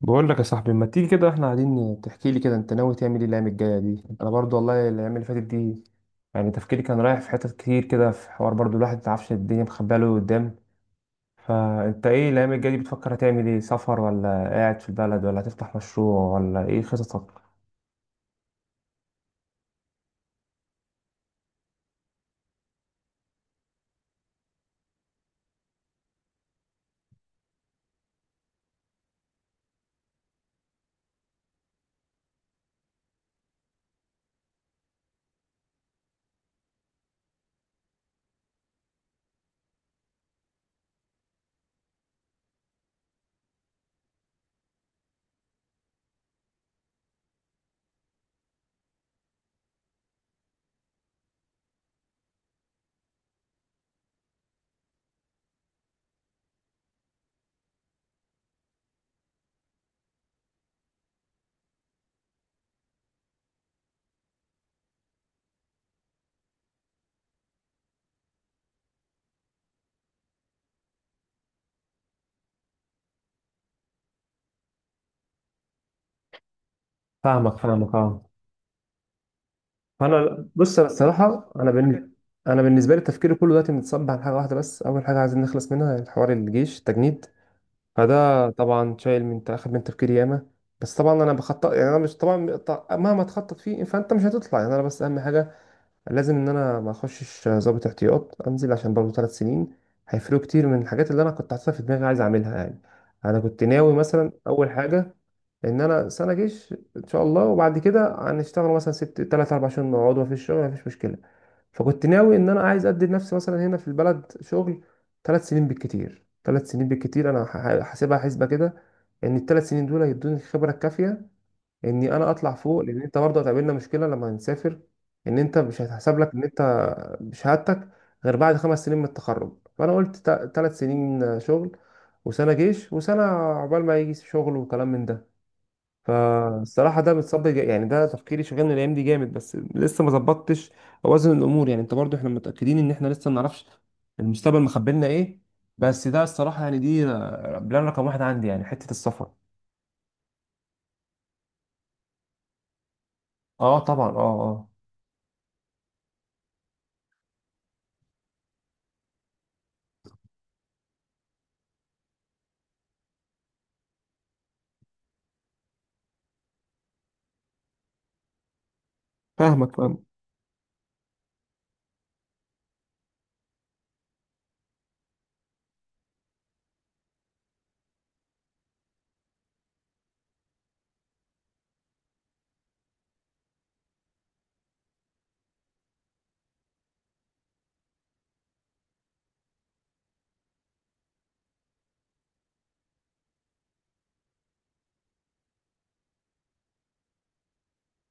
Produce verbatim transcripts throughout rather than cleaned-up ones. بقول لك يا صاحبي، ما تيجي كده؟ احنا قاعدين تحكي لي كده، انت ناوي تعمل ايه الايام الجايه دي؟ انا برضو والله الايام اللي فاتت دي يعني تفكيري كان رايح في حتت كتير كده، في حوار برضو الواحد ما يعرفش الدنيا مخبيه له قدام. فانت ايه الايام الجايه دي؟ بتفكر هتعمل ايه؟ سفر ولا قاعد في البلد ولا هتفتح مشروع ولا ايه خططك؟ فاهمك فاهمك، اه. فانا بص، انا الصراحه انا بالن... انا بالنسبه لي تفكيري كله دلوقتي متصب على حاجه واحده بس. اول حاجه عايزين نخلص منها الحوار، الجيش، التجنيد. فده طبعا شايل من اخد من تفكيري ياما. بس طبعا انا بخطط، يعني انا مش طبعا ط- مهما تخطط فيه فانت مش هتطلع. يعني انا بس اهم حاجه لازم ان انا ما اخشش ضابط احتياط، انزل عشان برضه ثلاث سنين هيفرقوا كتير من الحاجات اللي انا كنت حاططها في دماغي عايز اعملها يعني. انا كنت ناوي مثلا اول حاجه ان انا سنه جيش ان شاء الله، وبعد كده هنشتغل مثلا ست تلات اربع شهور، نقعد مفيش شغل مفيش مشكله. فكنت ناوي ان انا عايز ادي لنفسي مثلا هنا في البلد شغل ثلاث سنين بالكتير، ثلاث سنين بالكتير انا ح- حاسبها حسبه كده. ان الثلاث سنين دول هيدوني الخبره الكافيه اني انا اطلع فوق، لان انت برضه هتقابلنا مشكله لما نسافر. ان انت مش هتحسب لك ان انت بشهادتك غير بعد خمس سنين من التخرج. فانا قلت ثلاث سنين شغل وسنه جيش وسنه عقبال ما يجي شغل وكلام من ده. فالصراحة ده بتصب، يعني ده تفكيري، شغلني الأيام دي جامد بس لسه ما ظبطتش أوازن الأمور يعني. أنت برضو إحنا متأكدين إن إحنا لسه ما نعرفش المستقبل مخبلنا إيه. بس ده الصراحة يعني دي بلان رقم واحد عندي، يعني حتة السفر. أه طبعا، أه أه. فاهمك فاهم.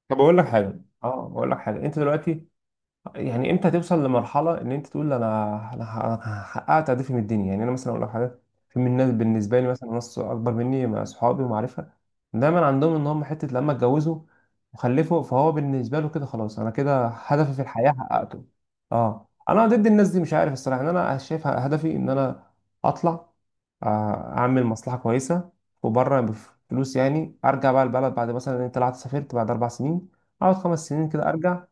طب أقول لك حاجة، أه أقول لك حاجة أنت دلوقتي يعني امتى توصل لمرحله ان انت تقول انا انا ح- أنا حققت هدفي من الدنيا؟ يعني انا مثلا اقول لك حاجه، في من الناس بالنسبه لي مثلا ناس اكبر مني مع اصحابي ومعرفه دايما عندهم ان هم حته لما اتجوزوا وخلفوا فهو بالنسبه له كده خلاص، انا كده هدفي في الحياه حققته. اه، انا ضد الناس دي مش عارف الصراحه، ان انا شايف هدفي ان انا اطلع، آه، اعمل مصلحه كويسه وبره بفلوس، يعني ارجع بقى البلد بعد مثلا انت طلعت سافرت بعد اربع سنين، اقعد خمس سنين كده ارجع.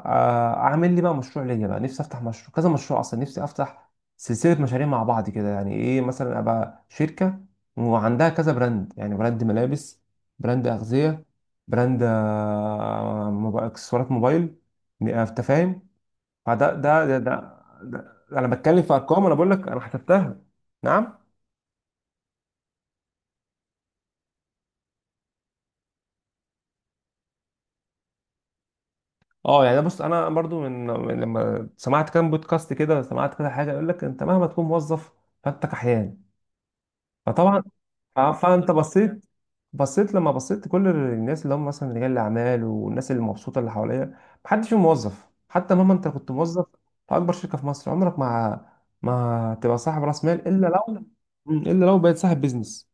آه، اعمل لي بقى مشروع ليا، بقى نفسي افتح مشروع، كذا مشروع اصلا نفسي افتح، سلسله مشاريع مع بعض كده. يعني ايه، مثلا ابقى شركه وعندها كذا براند، يعني براند ملابس، براند اغذيه، براند آه، موب- اكسسوارات موبايل، ن- آه، انت فاهم. فده ده ده, ده, ده انا بتكلم في ارقام، انا بقول لك انا حسبتها. نعم. اه يعني بص، انا برضو من من لما سمعت كام بودكاست كده، سمعت كده حاجه يقول لك انت مهما تكون موظف فانت كحيان. فطبعا ف- فانت بصيت، بصيت لما بصيت كل الناس اللي هم مثلا رجال الاعمال والناس اللي مبسوطه اللي حواليا، محدش فيهم موظف. حتى مهما انت كنت موظف في اكبر شركه في مصر، عمرك ما ما تبقى صاحب راس مال الا لو مم. الا لو بقيت صاحب بيزنس.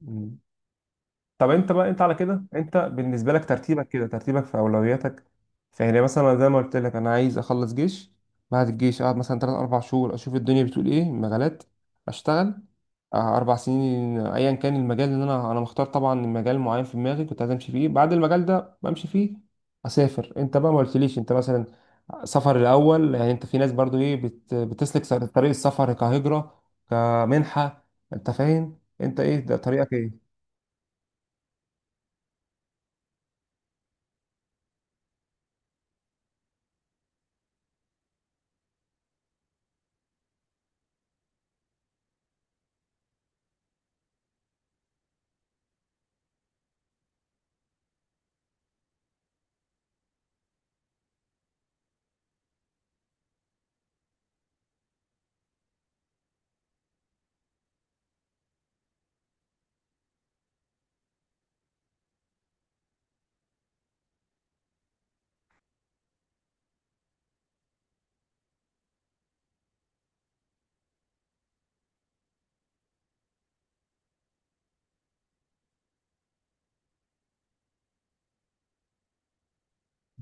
مم. طب انت بقى، انت على كده انت بالنسبه لك ترتيبك كده، ترتيبك في اولوياتك؟ فهنا مثلا زي ما قلت لك، انا عايز اخلص جيش. بعد الجيش اقعد مثلا تلات اربع شهور اشوف الدنيا بتقول ايه مجالات. اشتغل اه، اربع سنين ايا كان المجال اللي انا انا مختار. طبعا المجال معين في دماغي كنت عايز امشي فيه، بعد المجال ده بمشي فيه، اسافر. انت بقى ما قلتليش انت مثلا سفر الاول؟ يعني انت في ناس برضو ايه بت... بتسلك س- طريق السفر كهجره، كمنحه. انت فاهم، انت ايه ده طريقك ايه؟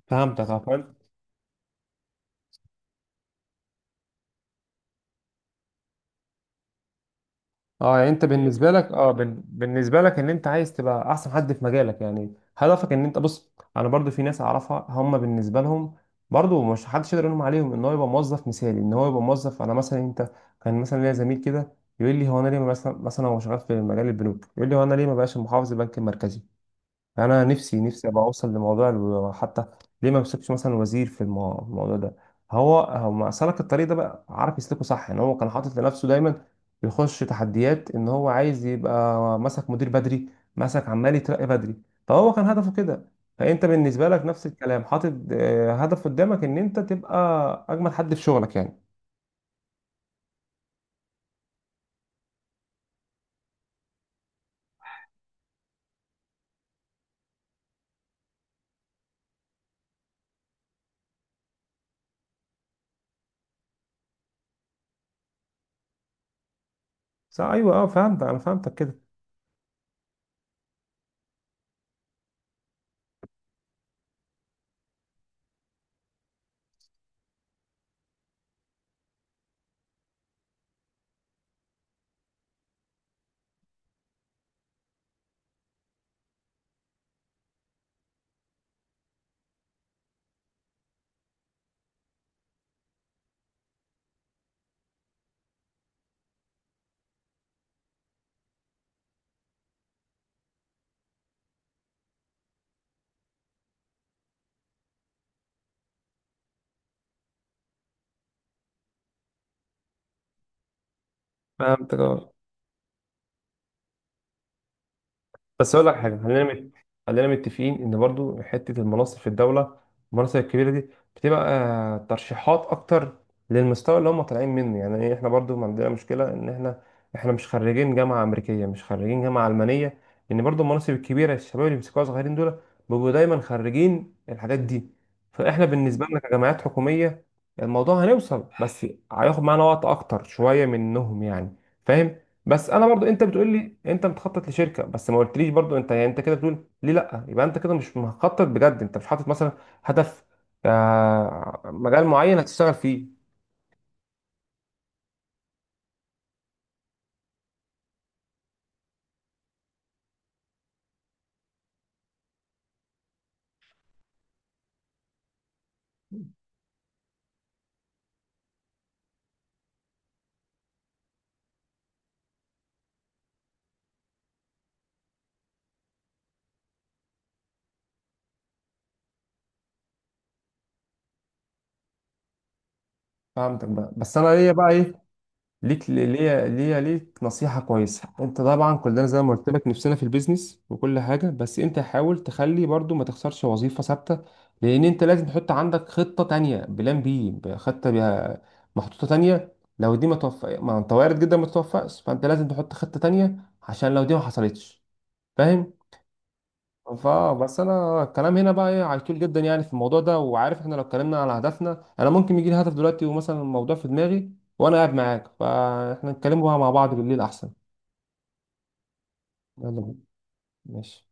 فهمتك، اه. اه يعني انت بالنسبه لك، اه بن... بالنسبه لك ان انت عايز تبقى احسن حد في مجالك يعني، هدفك ان انت بص. انا برضو في ناس اعرفها هم بالنسبه لهم برضو مش حدش يقدر يلوم عليهم ان هو يبقى موظف مثالي، ان هو يبقى موظف. انا مثلا انت، كان مثلا ليا زميل كده يقول لي هو انا ليه ما مثلا، مثلا هو شغال في مجال البنوك، يقول لي هو انا ليه ما بقاش محافظ البنك المركزي؟ انا نفسي، نفسي ابقى اوصل لموضوع الو- حتى ليه ما مسكش مثلا وزير في المو- الموضوع ده. هو هو ما سلك الطريق ده بقى، عارف يسلكه صح، ان هو كان حاطط لنفسه دايما يخش تحديات. ان هو عايز يبقى مسك مدير بدري، مسك عمال يترقى بدري، فهو كان هدفه كده. فانت بالنسبه لك نفس الكلام، حاطط آه، هدف قدامك ان انت تبقى اجمل حد في شغلك يعني. صح ايوه اه، فهمت انا فهمتك كده. فهمتك، اه. بس اقول لك حاجه، خلينا مت... خلينا متفقين ان برضو حته المناصب في الدوله، المناصب الكبيره دي، بتبقى آه، ترشيحات اكتر للمستوى اللي هم طالعين منه. يعني إيه، احنا برضو ما عندنا مشكله، ان احنا احنا مش خريجين جامعه امريكيه، مش خريجين جامعه المانيه. لان برضو المناصب الكبيره الشباب اللي بيمسكوها صغيرين دول بيبقوا دايما خريجين الحاجات دي. فاحنا بالنسبه لنا كجامعات حكوميه، الموضوع هنوصل بس هياخد معانا وقت اكتر شويه منهم يعني، فاهم. بس انا برضو انت بتقول لي انت بتخطط لشركه، بس ما قلتليش برضو انت يعني انت كده بتقول ليه لا، يبقى انت كده مش مخطط بجد، انت مش حاطط مثلا هدف، آه، مجال معين هتشتغل فيه. فهمتك بقى، بس انا ليا بقى ايه؟ ليك ليا ليا ليك نصيحة كويسة. انت طبعا كلنا زي ما قلت لك نفسنا في البيزنس وكل حاجة، بس انت حاول تخلي برضو ما تخسرش وظيفة ثابتة. لان انت لازم تحط عندك خطة تانية، بلان بي، خطة بيها محطوطة تانية لو دي ما توفق. ما انت وارد جدا ما تتوفقش، فانت لازم تحط خطة تانية عشان لو دي ما حصلتش، فاهم. فا بس انا الكلام هنا بقى ايه هيطول جدا يعني في الموضوع ده، وعارف احنا لو اتكلمنا على هدفنا انا ممكن يجي لي هدف دلوقتي ومثلا الموضوع في دماغي وانا قاعد معاك، فاحنا نتكلموا بقى مع بعض بالليل احسن. يلا بينا. ماشي.